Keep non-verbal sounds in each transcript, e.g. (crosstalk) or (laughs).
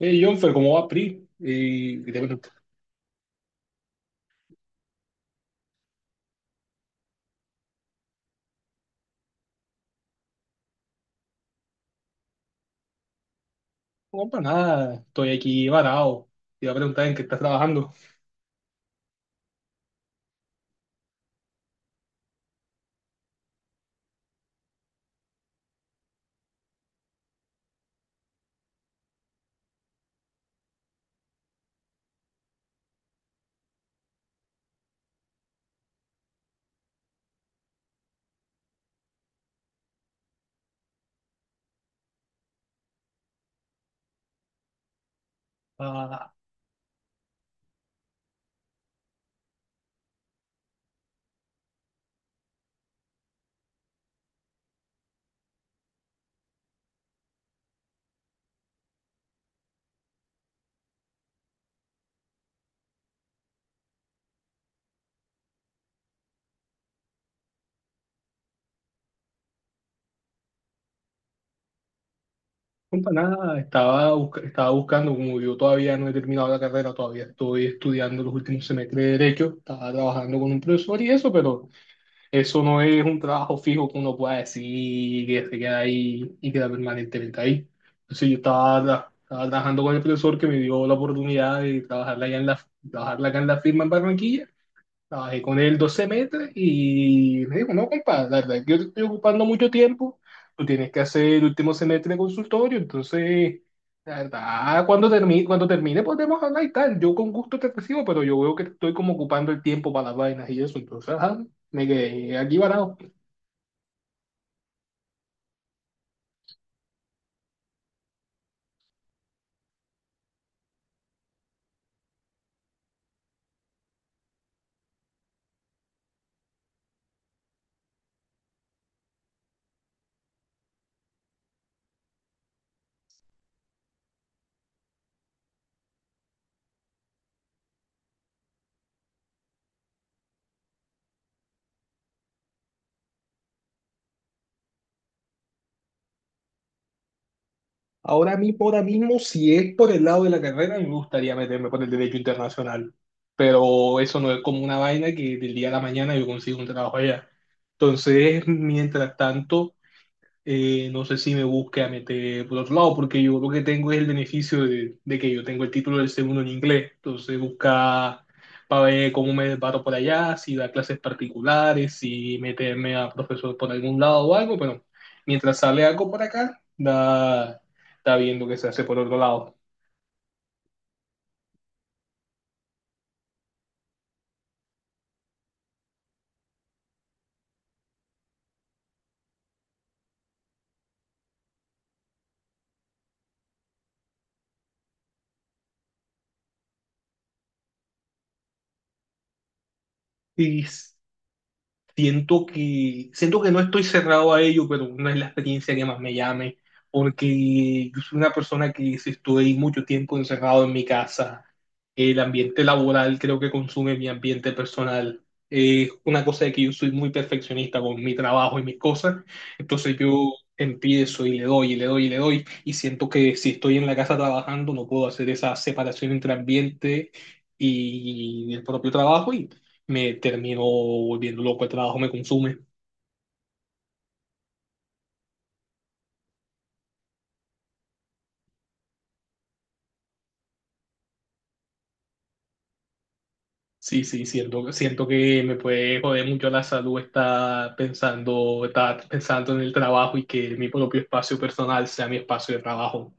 Hey, Jonfer, ¿cómo va PRI? Y, te pregunto, no, para nada, estoy aquí varado. Te iba a preguntar en qué estás trabajando. Ah, no, para nada, estaba, estaba buscando, como yo todavía no he terminado la carrera, todavía estoy estudiando los últimos semestres de Derecho, estaba trabajando con un profesor y eso, pero eso no es un trabajo fijo que uno pueda decir que se queda ahí y queda permanentemente ahí. Entonces yo estaba, estaba trabajando con el profesor que me dio la oportunidad de trabajarla allá en la, trabajarla acá en la firma en Barranquilla. Trabajé con él 12 meses y me dijo, no, compadre, la verdad, es que yo te estoy ocupando mucho tiempo, tú tienes que hacer el último semestre de consultorio, entonces, la verdad, cuando termine podemos hablar y tal, yo con gusto te recibo, pero yo veo que te estoy como ocupando el tiempo para las vainas y eso, entonces, ajá, me quedé aquí varado. Ahora mismo, si es por el lado de la carrera, me gustaría meterme por el derecho internacional, pero eso no es como una vaina que del día a la mañana yo consigo un trabajo allá. Entonces, mientras tanto... No sé si me busque a meter por otro lado, porque yo lo que tengo es el beneficio de que yo tengo el título del segundo en inglés. Entonces, busca para ver cómo me paro por allá, si da clases particulares, si meterme a profesor por algún lado o algo, pero mientras sale algo por acá, da, está viendo que se hace por otro lado. Y siento que, siento que no estoy cerrado a ello, pero no es la experiencia que más me llame, porque yo soy una persona que si estoy mucho tiempo encerrado en mi casa, el ambiente laboral creo que consume mi ambiente personal. Es una cosa de que yo soy muy perfeccionista con mi trabajo y mis cosas, entonces yo empiezo y le doy y le doy y le doy, y siento que si estoy en la casa trabajando no puedo hacer esa separación entre ambiente y el propio trabajo y me termino volviendo loco, el trabajo me consume. Sí, sí, siento, siento que me puede joder mucho la salud estar pensando en el trabajo y que mi propio espacio personal sea mi espacio de trabajo.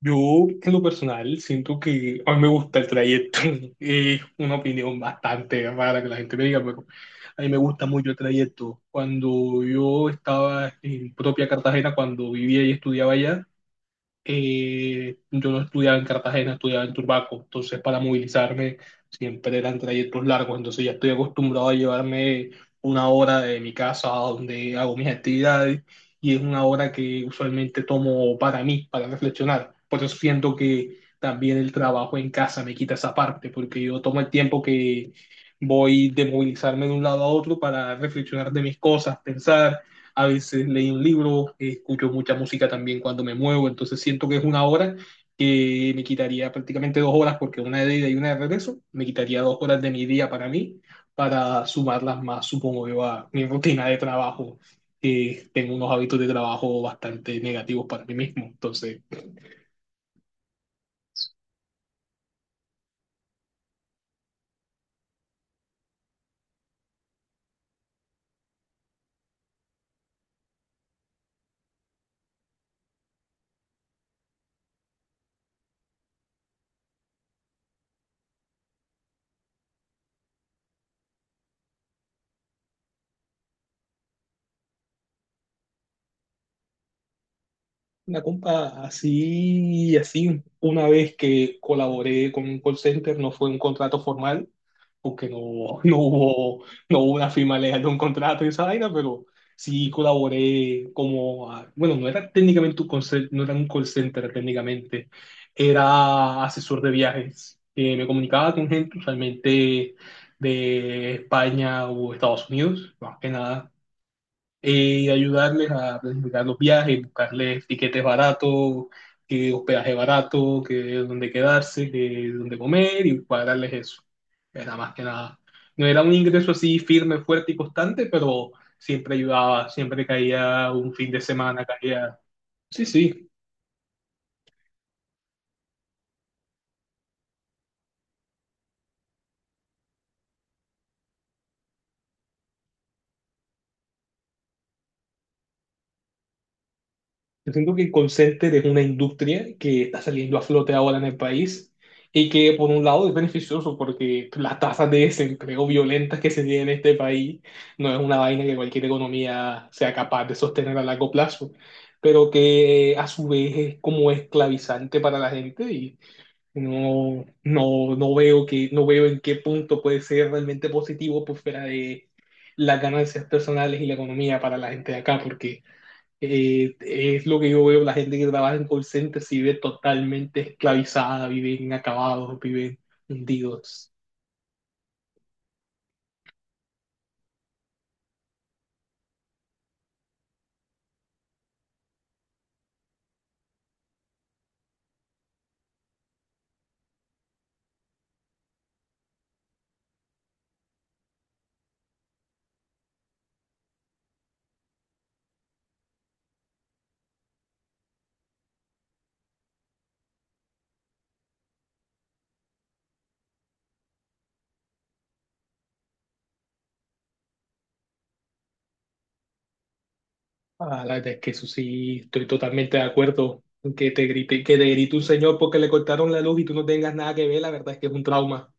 Yo, en lo personal, siento que a mí me gusta el trayecto. (laughs) Es una opinión bastante rara que la gente me diga, pero a mí me gusta mucho el trayecto. Cuando yo estaba en propia Cartagena, cuando vivía y estudiaba allá, yo no estudiaba en Cartagena, estudiaba en Turbaco, entonces para movilizarme siempre eran trayectos largos, entonces ya estoy acostumbrado a llevarme una hora de mi casa a donde hago mis actividades y es una hora que usualmente tomo para mí, para reflexionar. Por eso siento que también el trabajo en casa me quita esa parte, porque yo tomo el tiempo que voy de movilizarme de un lado a otro para reflexionar de mis cosas, pensar, a veces leo un libro, escucho mucha música también cuando me muevo, entonces siento que es una hora que me quitaría prácticamente dos horas, porque una de ida y una de regreso, me quitaría dos horas de mi día para mí, para sumarlas más, supongo yo, a mi rutina de trabajo, que tengo unos hábitos de trabajo bastante negativos para mí mismo. Entonces, una compa así, así, una vez que colaboré con un call center, no fue un contrato formal, porque no, (laughs) no hubo, no hubo una firma legal de un contrato y esa vaina, pero sí colaboré como, bueno, no era técnicamente un no era un call center técnicamente, era asesor de viajes, que me comunicaba con gente usualmente de España o Estados Unidos, más que nada. Ayudarles a planificar los viajes, buscarles tiquetes baratos, que hospedaje barato, que donde quedarse, que donde comer y cuadrarles eso. Era más que nada. No era un ingreso así firme, fuerte y constante, pero siempre ayudaba, siempre caía un fin de semana, caía. Sí, sí. Yo siento que el call center es una industria que está saliendo a flote ahora en el país y que por un lado es beneficioso porque las tasas de desempleo violentas que se tienen en este país no es una vaina que cualquier economía sea capaz de sostener a largo plazo, pero que a su vez es como esclavizante para la gente y no veo que, no veo en qué punto puede ser realmente positivo por fuera de las ganancias personales y la economía para la gente de acá, porque es lo que yo veo, la gente que trabaja en call centers vive totalmente esclavizada, viven acabados, viven hundidos. Ah, la verdad es que eso sí, estoy totalmente de acuerdo. Que te grite un señor porque le cortaron la luz y tú no tengas nada que ver, la verdad es que es un trauma.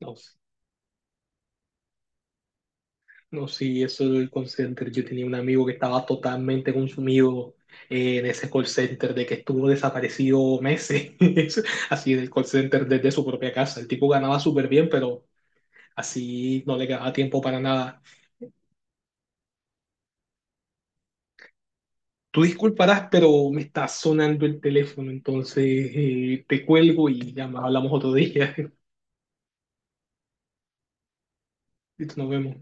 No, no, sí, eso del call center. Yo tenía un amigo que estaba totalmente consumido en ese call center, de que estuvo desaparecido meses, (laughs) así del call center desde su propia casa. El tipo ganaba súper bien, pero así no le quedaba tiempo para nada. Tú disculparás, pero me está sonando el teléfono, entonces te cuelgo y ya más hablamos otro día. (laughs) Listo, nos vemos.